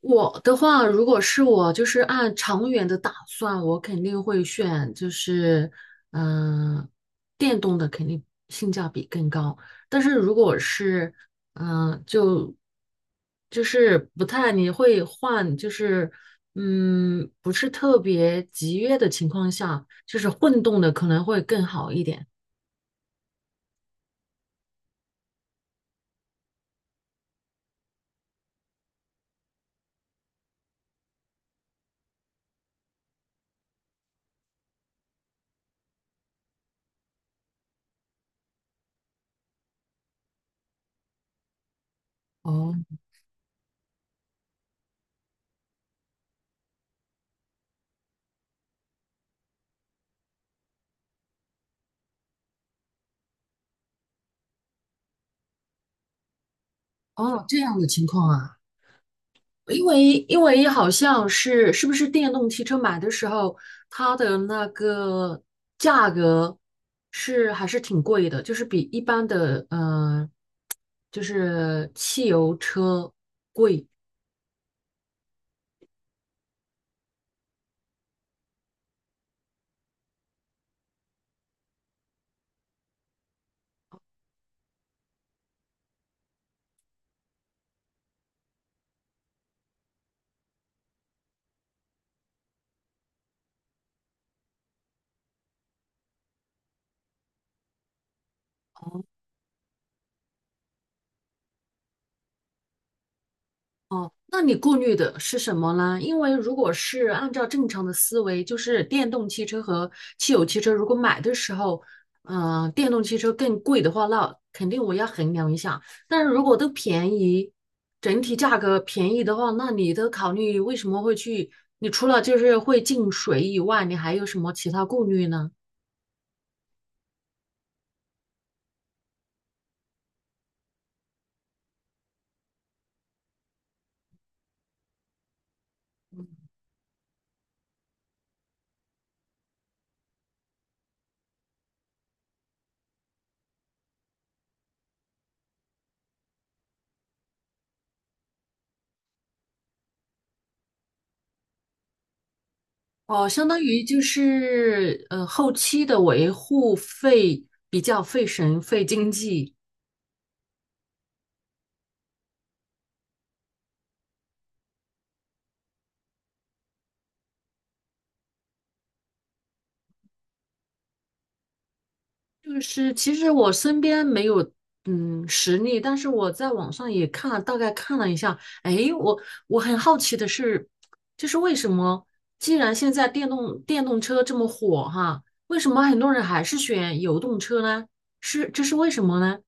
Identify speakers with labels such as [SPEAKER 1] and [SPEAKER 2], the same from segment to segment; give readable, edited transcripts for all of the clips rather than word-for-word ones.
[SPEAKER 1] 我的话，如果是我，就是按长远的打算，我肯定会选，嗯、电动的肯定性价比更高。但是如果是，嗯、就就是不太，你会换，不是特别集约的情况下，就是混动的可能会更好一点。哦哦，这样的情况啊。因为好像是不是电动汽车买的时候，它的那个价格是还是挺贵的，就是比一般的就是汽油车。哦，那你顾虑的是什么呢？因为如果是按照正常的思维，就是电动汽车和汽油汽车，如果买的时候，电动汽车更贵的话，那肯定我要衡量一下。但是如果都便宜，整体价格便宜的话，那你的考虑为什么会去？你除了就是会进水以外，你还有什么其他顾虑呢？哦，相当于就是后期的维护费比较费神费经济。就是其实我身边没有实例，但是我在网上也看了，大概看了一下。哎，我很好奇的是，就是为什么既然现在电动车这么火哈，为什么很多人还是选油动车呢？是这是为什么呢？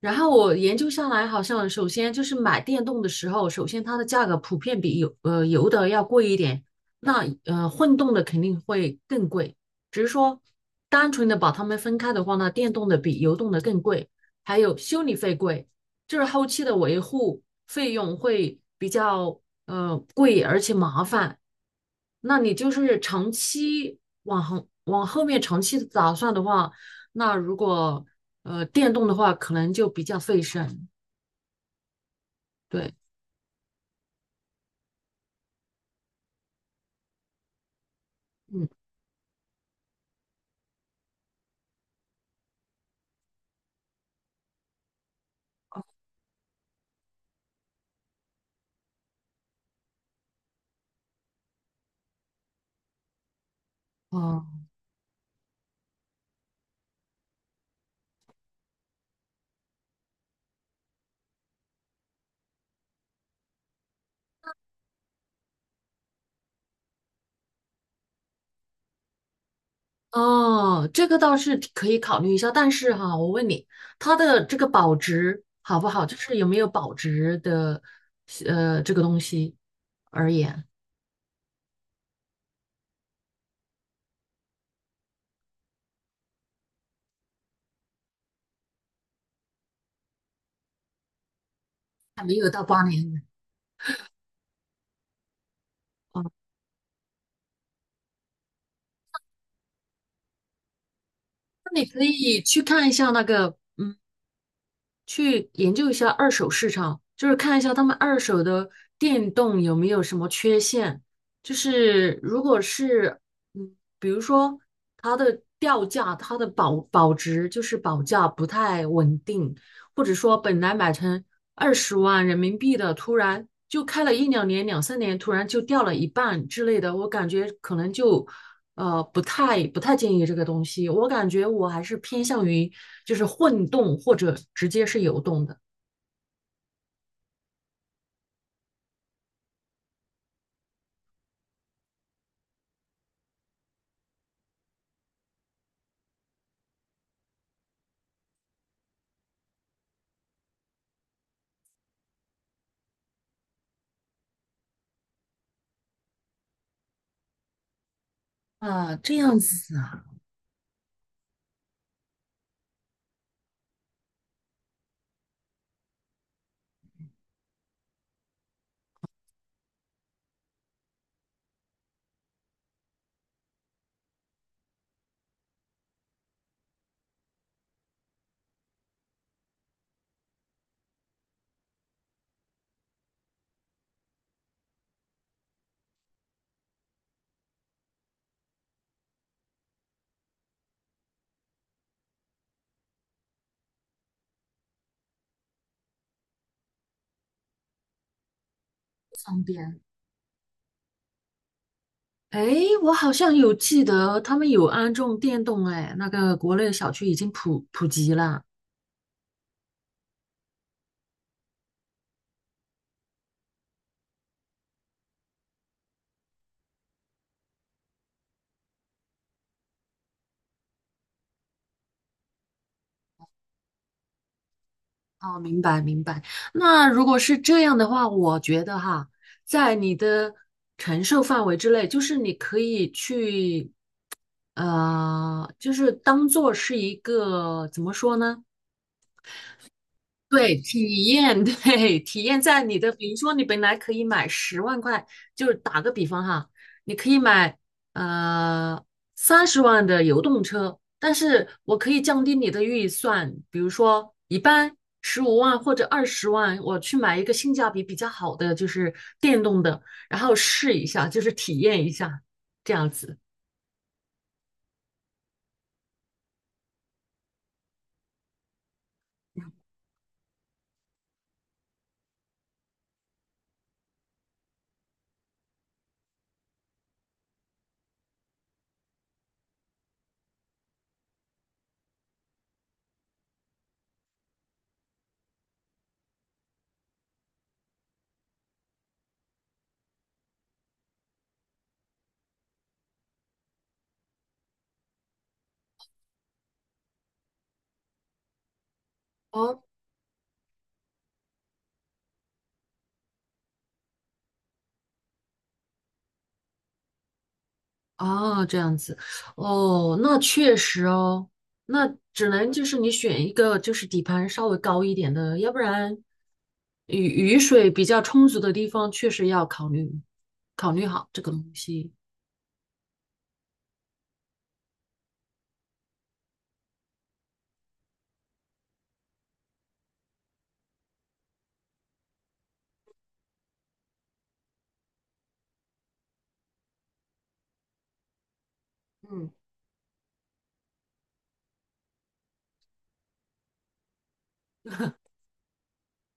[SPEAKER 1] 然后我研究下来，好像首先就是买电动的时候，首先它的价格普遍比油的要贵一点，那混动的肯定会更贵。只是说单纯的把它们分开的话呢，电动的比油动的更贵，还有修理费贵，就是后期的维护费用会比较贵，而且麻烦。那你就是长期往后面长期的打算的话，那如果电动的话，可能就比较费神。对，嗯，哦、哦，这个倒是可以考虑一下，但是哈，我问你，它的这个保值好不好？就是有没有保值的，这个东西而言，还没有到8年。哦，那你可以去看一下那个，嗯。去研究一下二手市场，就是看一下他们二手的电动有没有什么缺陷。就是如果是，比如说它的掉价、它的保值，就是保价不太稳定，或者说本来买成20万人民币的，突然就开了一两年、两三年，突然就掉了一半之类的，我感觉可能就不太建议这个东西。我感觉我还是偏向于就是混动或者直接是油动的。啊，这样子啊，方便。哎，我好像有记得他们有安种电动，哎，那个国内小区已经普及了。哦，明白明白。那如果是这样的话，我觉得哈，在你的承受范围之内，就是你可以去就是当做是一个怎么说呢？对，体验，对，体验在你的，比如说你本来可以买10万块，就是打个比方哈，你可以买呃30万的油动车，但是我可以降低你的预算，比如说一般15万或者二十万，我去买一个性价比比较好的，就是电动的，然后试一下，就是体验一下，这样子。哦。哦，这样子，哦，那确实哦，那只能就是你选一个就是底盘稍微高一点的，要不然雨雨水比较充足的地方，确实要考虑考虑好这个东西。嗯，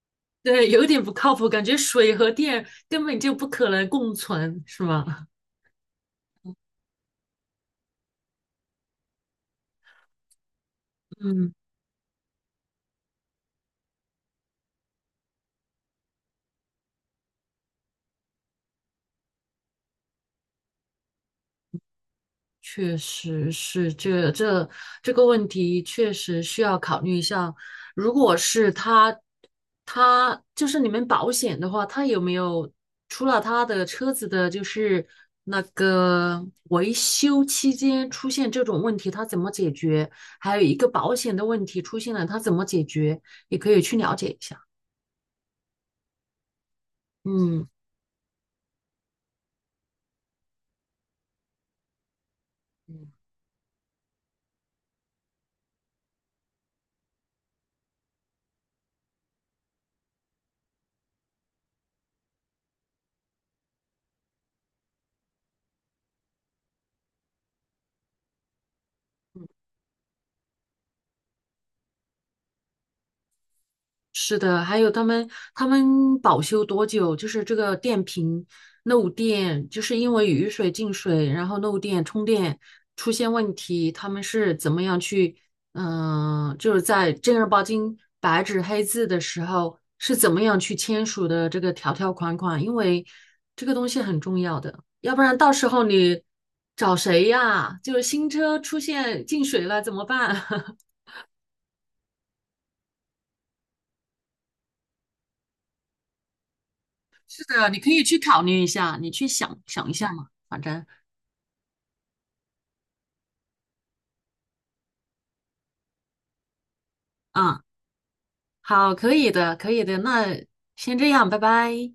[SPEAKER 1] 对，有点不靠谱，感觉水和电根本就不可能共存，是吗？嗯。确实是这这个问题，确实需要考虑一下。如果是他，他就是你们保险的话，他有没有除了他的车子的，就是那个维修期间出现这种问题，他怎么解决？还有一个保险的问题出现了，他怎么解决？也可以去了解一下。嗯。是的，还有他们保修多久？就是这个电瓶漏电，就是因为雨水进水，然后漏电充电出现问题，他们是怎么样去，就是在正儿八经白纸黑字的时候是怎么样去签署的这个条条款款？因为这个东西很重要的，要不然到时候你找谁呀？就是新车出现进水了怎么办？是的，你可以去考虑一下，你去想想一下嘛，反正，嗯，好，可以的，可以的，那先这样，拜拜。